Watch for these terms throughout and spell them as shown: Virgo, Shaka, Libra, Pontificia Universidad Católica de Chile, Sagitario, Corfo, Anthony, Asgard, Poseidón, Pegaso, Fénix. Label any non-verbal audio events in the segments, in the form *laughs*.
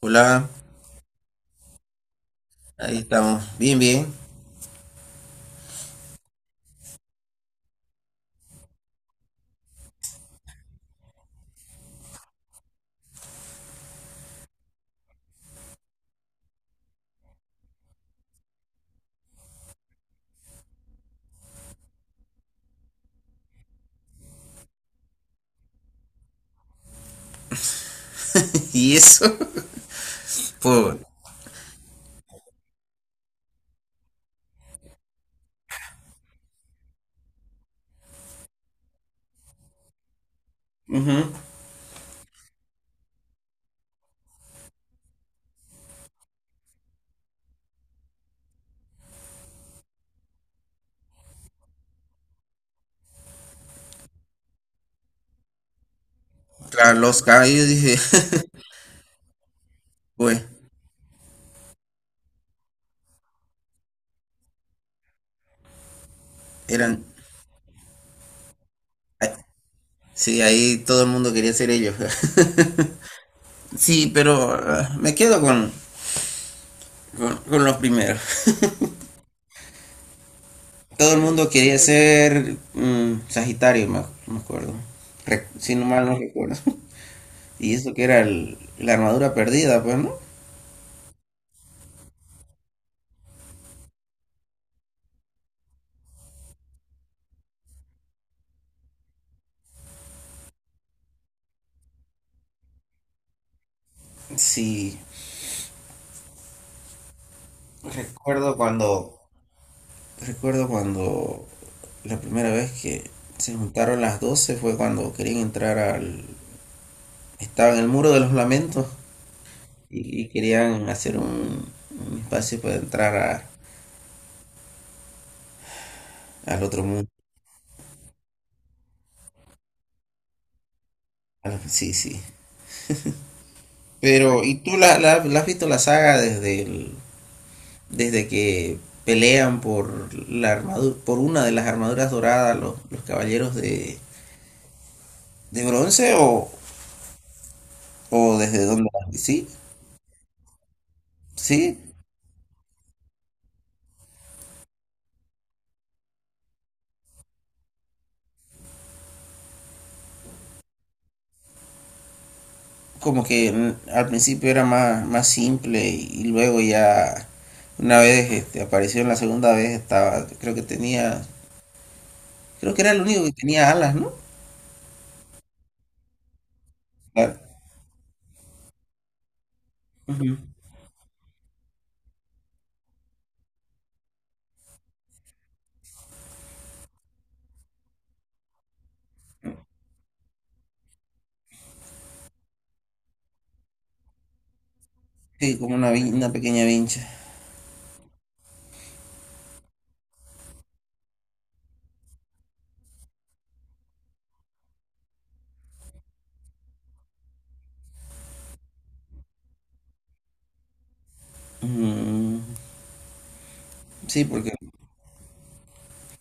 Hola, ahí estamos. Bien, bien. *laughs* Y eso, por claro, los caballos, dije, *laughs* pues, eran. Ay, sí, ahí todo el mundo quería ser ellos. *laughs* Sí, pero me quedo con los primeros. Todo el mundo quería ser Sagitario, me acuerdo. Re- si no mal no recuerdo. *laughs* Y eso que era la armadura perdida, pues, ¿no? Sí, recuerdo cuando Recuerdo cuando la primera vez que se juntaron las 12 fue cuando querían entrar al... Estaba en el muro de los lamentos y querían hacer un espacio para entrar al otro mundo. Ah, sí, sí. Pero, ¿y tú la has visto la saga desde desde que pelean por la armadura, por una de las armaduras doradas los caballeros de bronce o desde dónde? Sí, sí. Como que al principio era más simple y luego ya una vez este, apareció en la segunda vez, estaba, creo que tenía, creo que era el único que tenía alas, ¿no? Claro. Ujú. Sí, como una, una pequeña vincha. Mm, sí, porque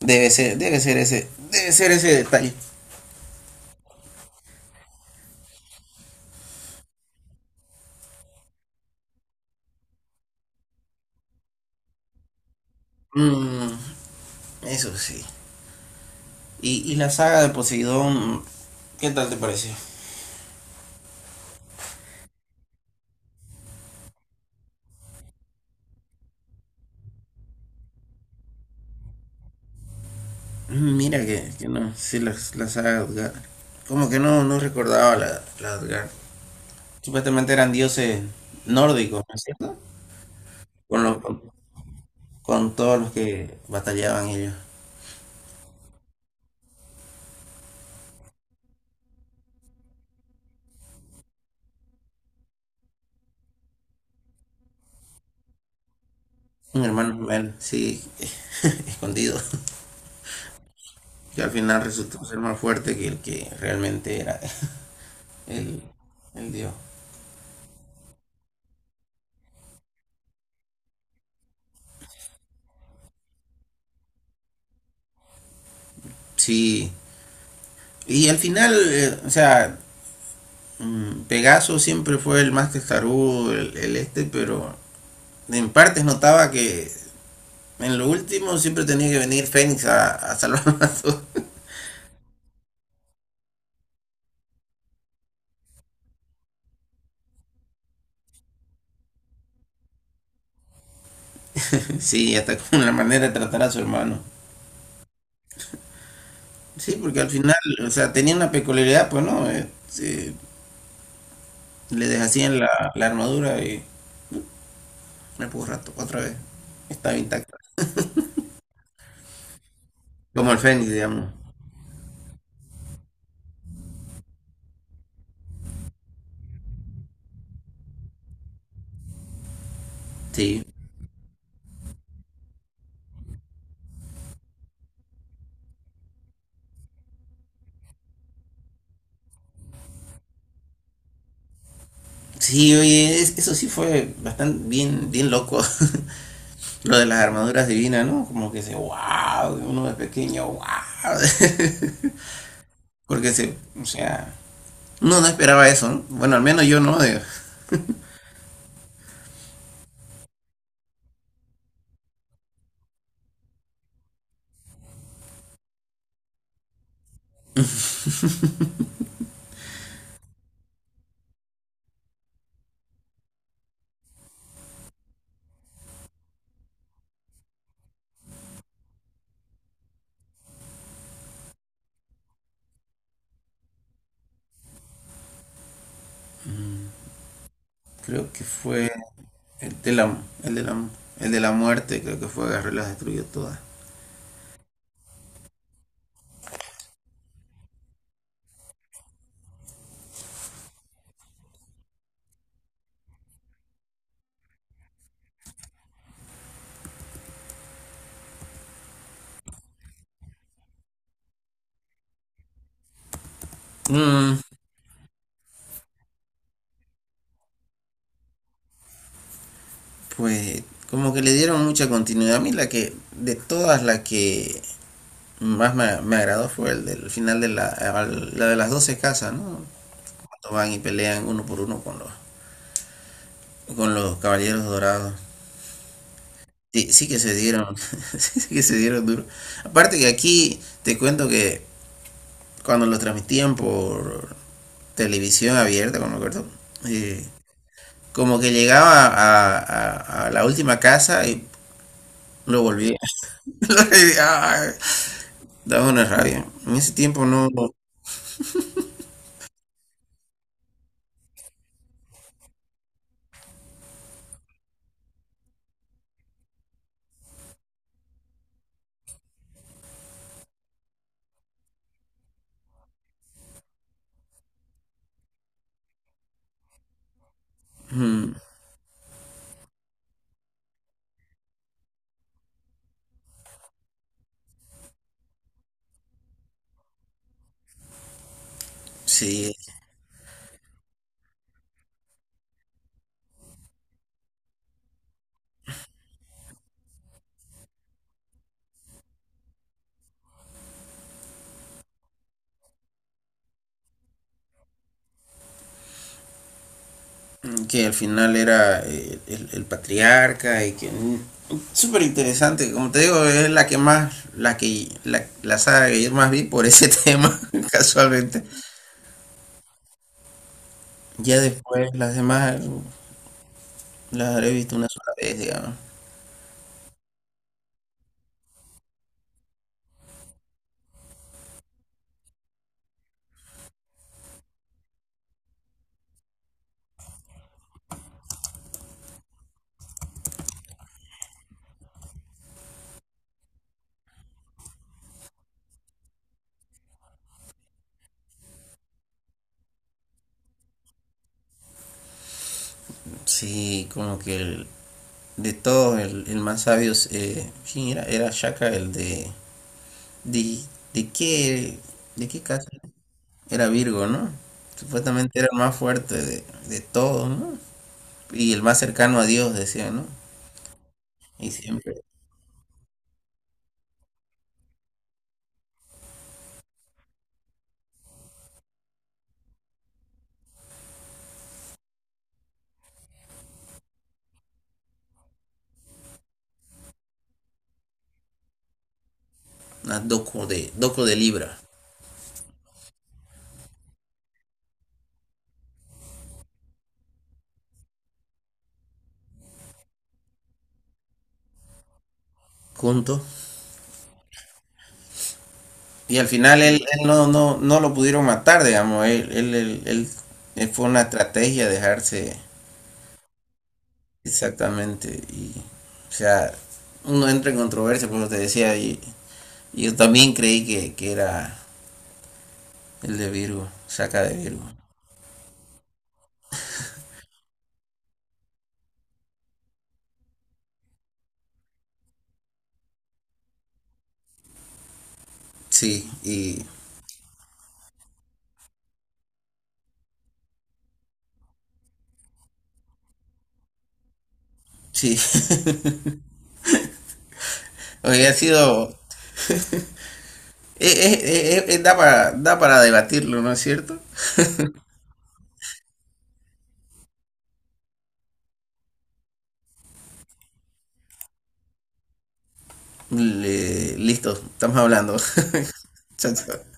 debe ser ese detalle. Mm, eso sí. Y la saga de Poseidón, ¿qué tal te pareció? Mira que no, sí, la saga de Asgard. Como que no recordaba la de Asgard. Supuestamente eran dioses nórdicos, ¿no es cierto? Con, los- con, todos los que batallaban ellos. Un hermano gemelo, sí, *laughs* escondido. Que al final resultó ser más fuerte que el que realmente era el, el dios. Sí. Y al final, o sea, Pegaso siempre fue el más testarudo, pero en partes notaba que en lo último siempre tenía que venir Fénix a salvarlo a todos. *laughs* Sí, hasta con la manera de tratar a su hermano. Sí, porque al final, o sea, tenía una peculiaridad, pues no. Eh, le deshacían la armadura y me puso rato, otra vez, estaba intacta. Como el Fénix, digamos. Sí. Sí, oye, eso sí fue bastante bien loco, *laughs* lo de las armaduras divinas, ¿no? Como que se, wow, uno de pequeño, wow. *laughs* Porque se, o sea, uno no esperaba eso, ¿no? Bueno, al menos yo no, creo que fue el de la, el de la, el de la muerte, creo que fue, agarró y las destruyó todas. Mm, Pues como que le dieron mucha continuidad. A mí la que, de todas las que me agradó fue el del final de la, la de las 12 casas, ¿no? Cuando van y pelean uno por uno con con los caballeros dorados. Sí, sí que se dieron, *laughs* sí que se dieron duro. Aparte que aquí te cuento que cuando lo transmitían por televisión abierta, como me acuerdo, eh, como que llegaba a la última casa y lo volvía. *laughs* Daba una rabia. En ese tiempo no. mm, sí, que al final era el patriarca y que. Súper interesante. Como te digo, es la que más. La saga que yo más vi por ese *laughs* tema, casualmente. Ya después las demás las habré visto una sola vez, digamos. Sí, como que de todos, el más sabio. Es, ¿quién era? Era Shaka, el de. ¿De, de qué? ¿De qué casa? Era Virgo, ¿no? Supuestamente era el más fuerte de todos, ¿no? Y el más cercano a Dios, decían, ¿no? Y siempre, una doco de Libra, juntos. Y al final él no, no, no lo pudieron matar, digamos. Él fue una estrategia dejarse exactamente. Y, o sea, uno entra en controversia, por lo que te decía. Y yo también creí que era el de Virgo, saca de Virgo. Sí, y sí, *laughs* había sido. Da para debatirlo, ¿no es cierto? Listo, estamos hablando. *laughs* Chao, chao.